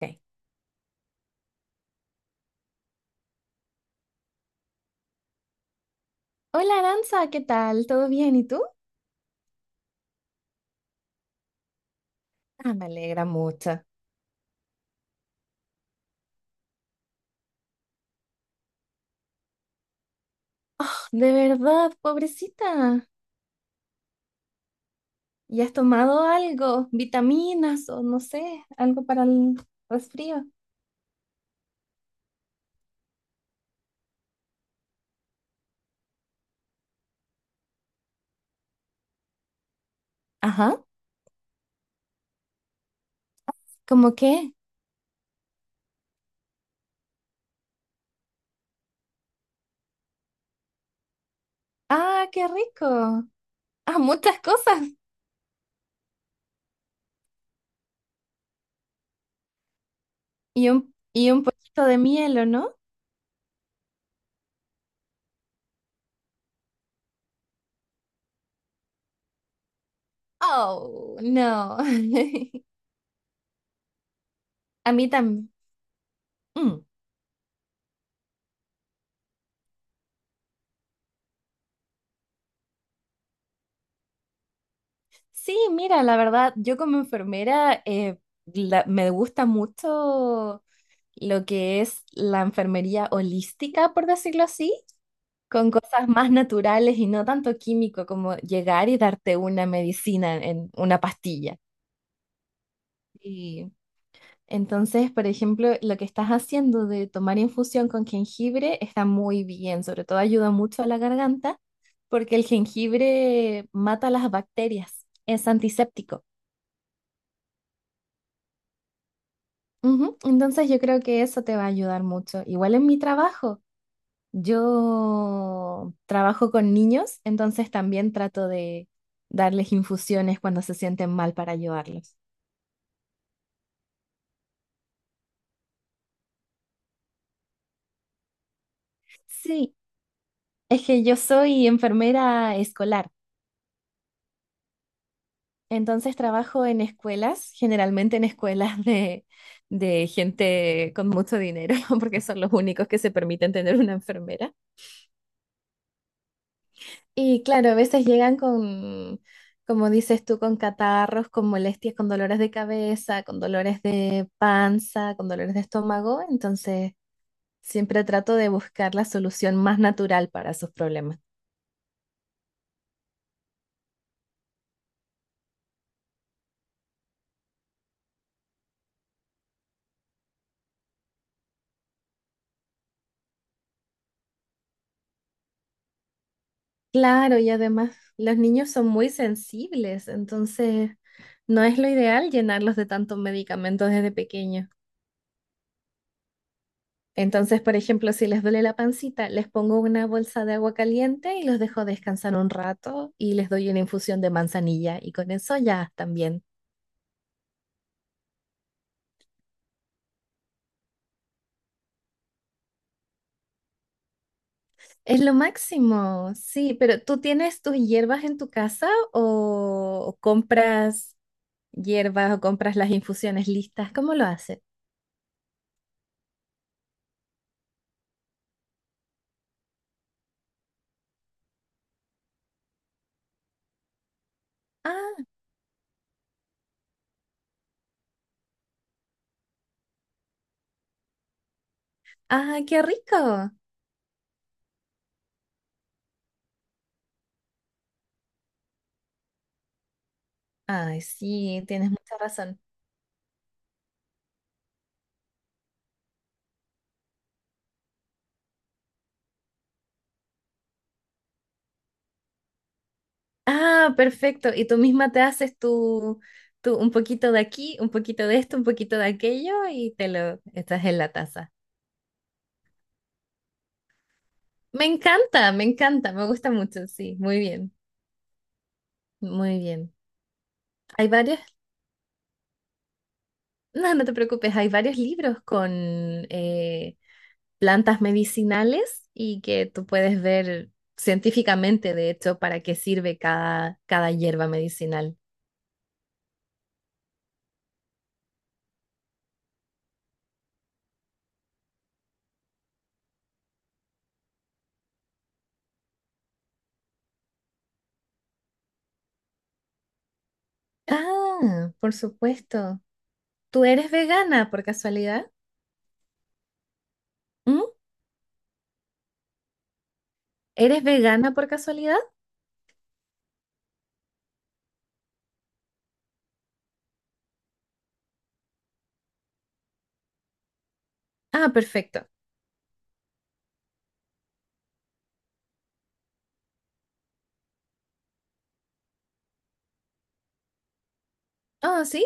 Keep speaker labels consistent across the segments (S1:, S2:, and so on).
S1: Ok. Hola Aranza, ¿qué tal? ¿Todo bien? ¿Y tú? Ah, me alegra mucho. De verdad, pobrecita. ¿Y has tomado algo? ¿Vitaminas o no sé, algo para el resfrío? Ajá. ¿Cómo qué? Ah, qué rico. Ah, muchas cosas. Y un poquito de miel, ¿o no? Oh, no. A mí también. Mm. Sí, mira, la verdad, yo como enfermera me gusta mucho lo que es la enfermería holística, por decirlo así, con cosas más naturales y no tanto químico como llegar y darte una medicina en una pastilla. Y entonces, por ejemplo, lo que estás haciendo de tomar infusión con jengibre está muy bien, sobre todo ayuda mucho a la garganta porque el jengibre mata las bacterias, es antiséptico. Ujú, entonces yo creo que eso te va a ayudar mucho. Igual en mi trabajo, yo trabajo con niños, entonces también trato de darles infusiones cuando se sienten mal para ayudarlos. Sí, es que yo soy enfermera escolar, entonces trabajo en escuelas, generalmente en escuelas de gente con mucho dinero, porque son los únicos que se permiten tener una enfermera. Y claro, a veces llegan con, como dices tú, con catarros, con molestias, con dolores de cabeza, con dolores de panza, con dolores de estómago. Entonces, siempre trato de buscar la solución más natural para sus problemas. Claro, y además los niños son muy sensibles, entonces no es lo ideal llenarlos de tantos medicamentos desde pequeños. Entonces, por ejemplo, si les duele la pancita, les pongo una bolsa de agua caliente y los dejo descansar un rato y les doy una infusión de manzanilla y con eso ya están bien. Es lo máximo, sí, pero ¿tú tienes tus hierbas en tu casa o compras hierbas o compras las infusiones listas? ¿Cómo lo haces? Ah, ah, qué rico. Ay, sí, tienes mucha razón. Ah, perfecto. Y tú misma te haces tu un poquito de aquí, un poquito de esto, un poquito de aquello y te lo estás en la taza. Me encanta, me encanta, me gusta mucho, sí, muy bien, muy bien. Hay varios, no, no te preocupes, hay varios libros con eh, plantas medicinales y que tú puedes ver científicamente, de hecho, para qué sirve cada, cada hierba medicinal. Ah, por supuesto. ¿Tú eres vegana por casualidad? Mm. ¿Eres vegana por casualidad? Ah, perfecto. Ah, ¿sí?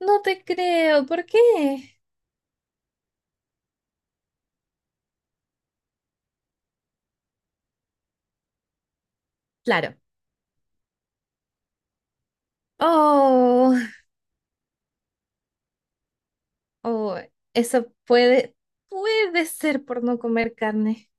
S1: No te creo. ¿Por qué? Claro. Oh, oh, eso puede, puede ser por no comer carne.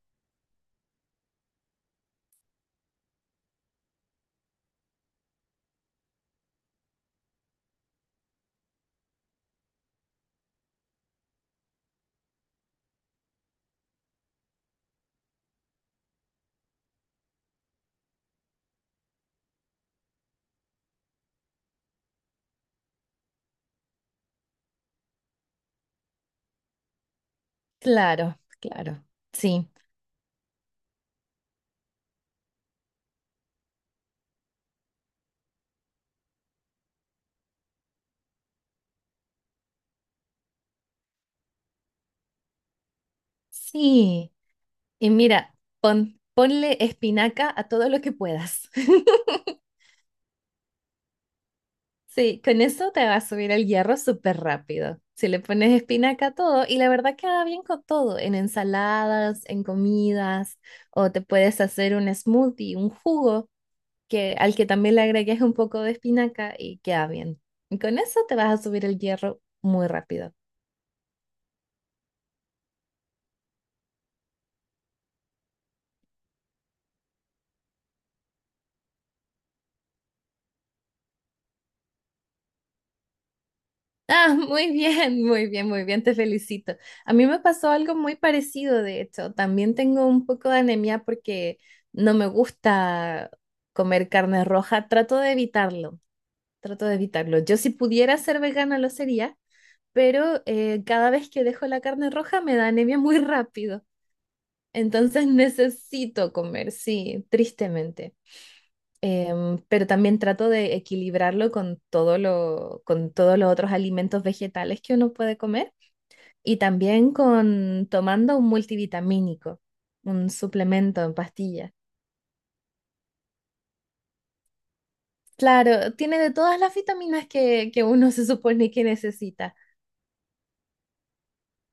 S1: Claro, claro. Sí, sí. Y mira, ponle espinaca a todo lo que puedas. Sí, con eso te va a subir el hierro súper rápido. Si le pones espinaca a todo, y la verdad queda bien con todo, en ensaladas, en comidas, o te puedes hacer un smoothie, un jugo, que, al que también le agregues un poco de espinaca y queda bien. Y con eso te vas a subir el hierro muy rápido. Ah, muy bien, muy bien, muy bien, te felicito. A mí me pasó algo muy parecido, de hecho. También tengo un poco de anemia porque no me gusta comer carne roja. Trato de evitarlo, trato de evitarlo. Yo si pudiera ser vegana lo sería, pero cada vez que dejo la carne roja me da anemia muy rápido. Entonces necesito comer, sí, tristemente. Pero también trato de equilibrarlo con todo lo, con todos los otros alimentos vegetales que uno puede comer y también con tomando un multivitamínico, un suplemento en pastilla. Claro, tiene de todas las vitaminas que uno se supone que necesita.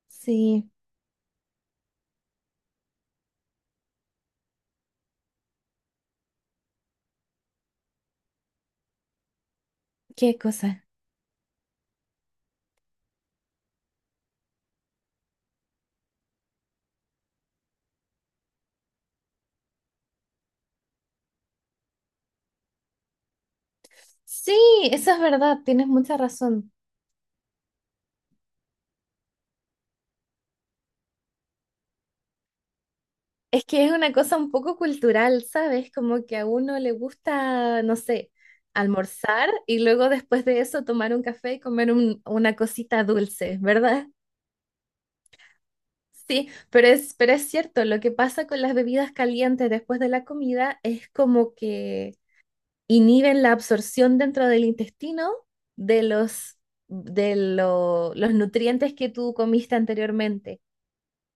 S1: Sí, qué cosa. Sí, eso es verdad, tienes mucha razón. Es que es una cosa un poco cultural, ¿sabes? Como que a uno le gusta, no sé, almorzar y luego después de eso tomar un café y comer una cosita dulce, ¿verdad? Sí, pero es cierto, lo que pasa con las bebidas calientes después de la comida es como que inhiben la absorción dentro del intestino de los, de los nutrientes que tú comiste anteriormente.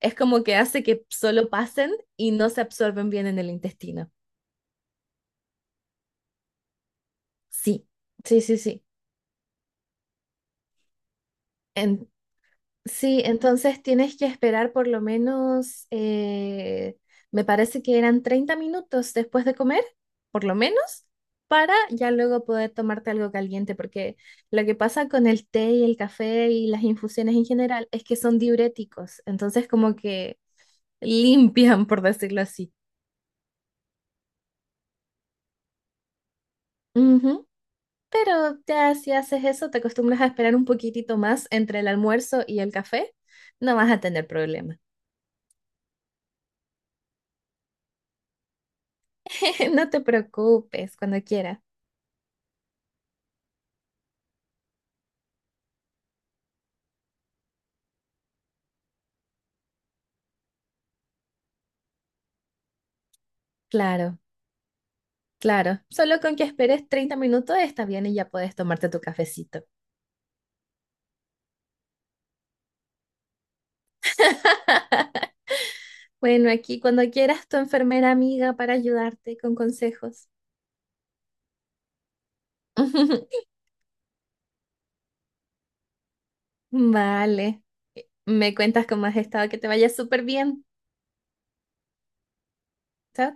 S1: Es como que hace que solo pasen y no se absorben bien en el intestino. Sí, sí. Sí, entonces tienes que esperar por lo menos, me parece que eran 30 minutos después de comer, por lo menos, para ya luego poder tomarte algo caliente, porque lo que pasa con el té y el café y las infusiones en general es que son diuréticos, entonces como que limpian, por decirlo así. Ujú, pero ya si haces eso, te acostumbras a esperar un poquitito más entre el almuerzo y el café, no vas a tener problema. No te preocupes, cuando quieras. Claro, claro. Solo con que esperes 30 minutos está bien y ya puedes tomarte tu cafecito. Bueno, aquí cuando quieras tu enfermera amiga para ayudarte con consejos. Vale. Me cuentas cómo has estado, que te vaya súper bien. Chao.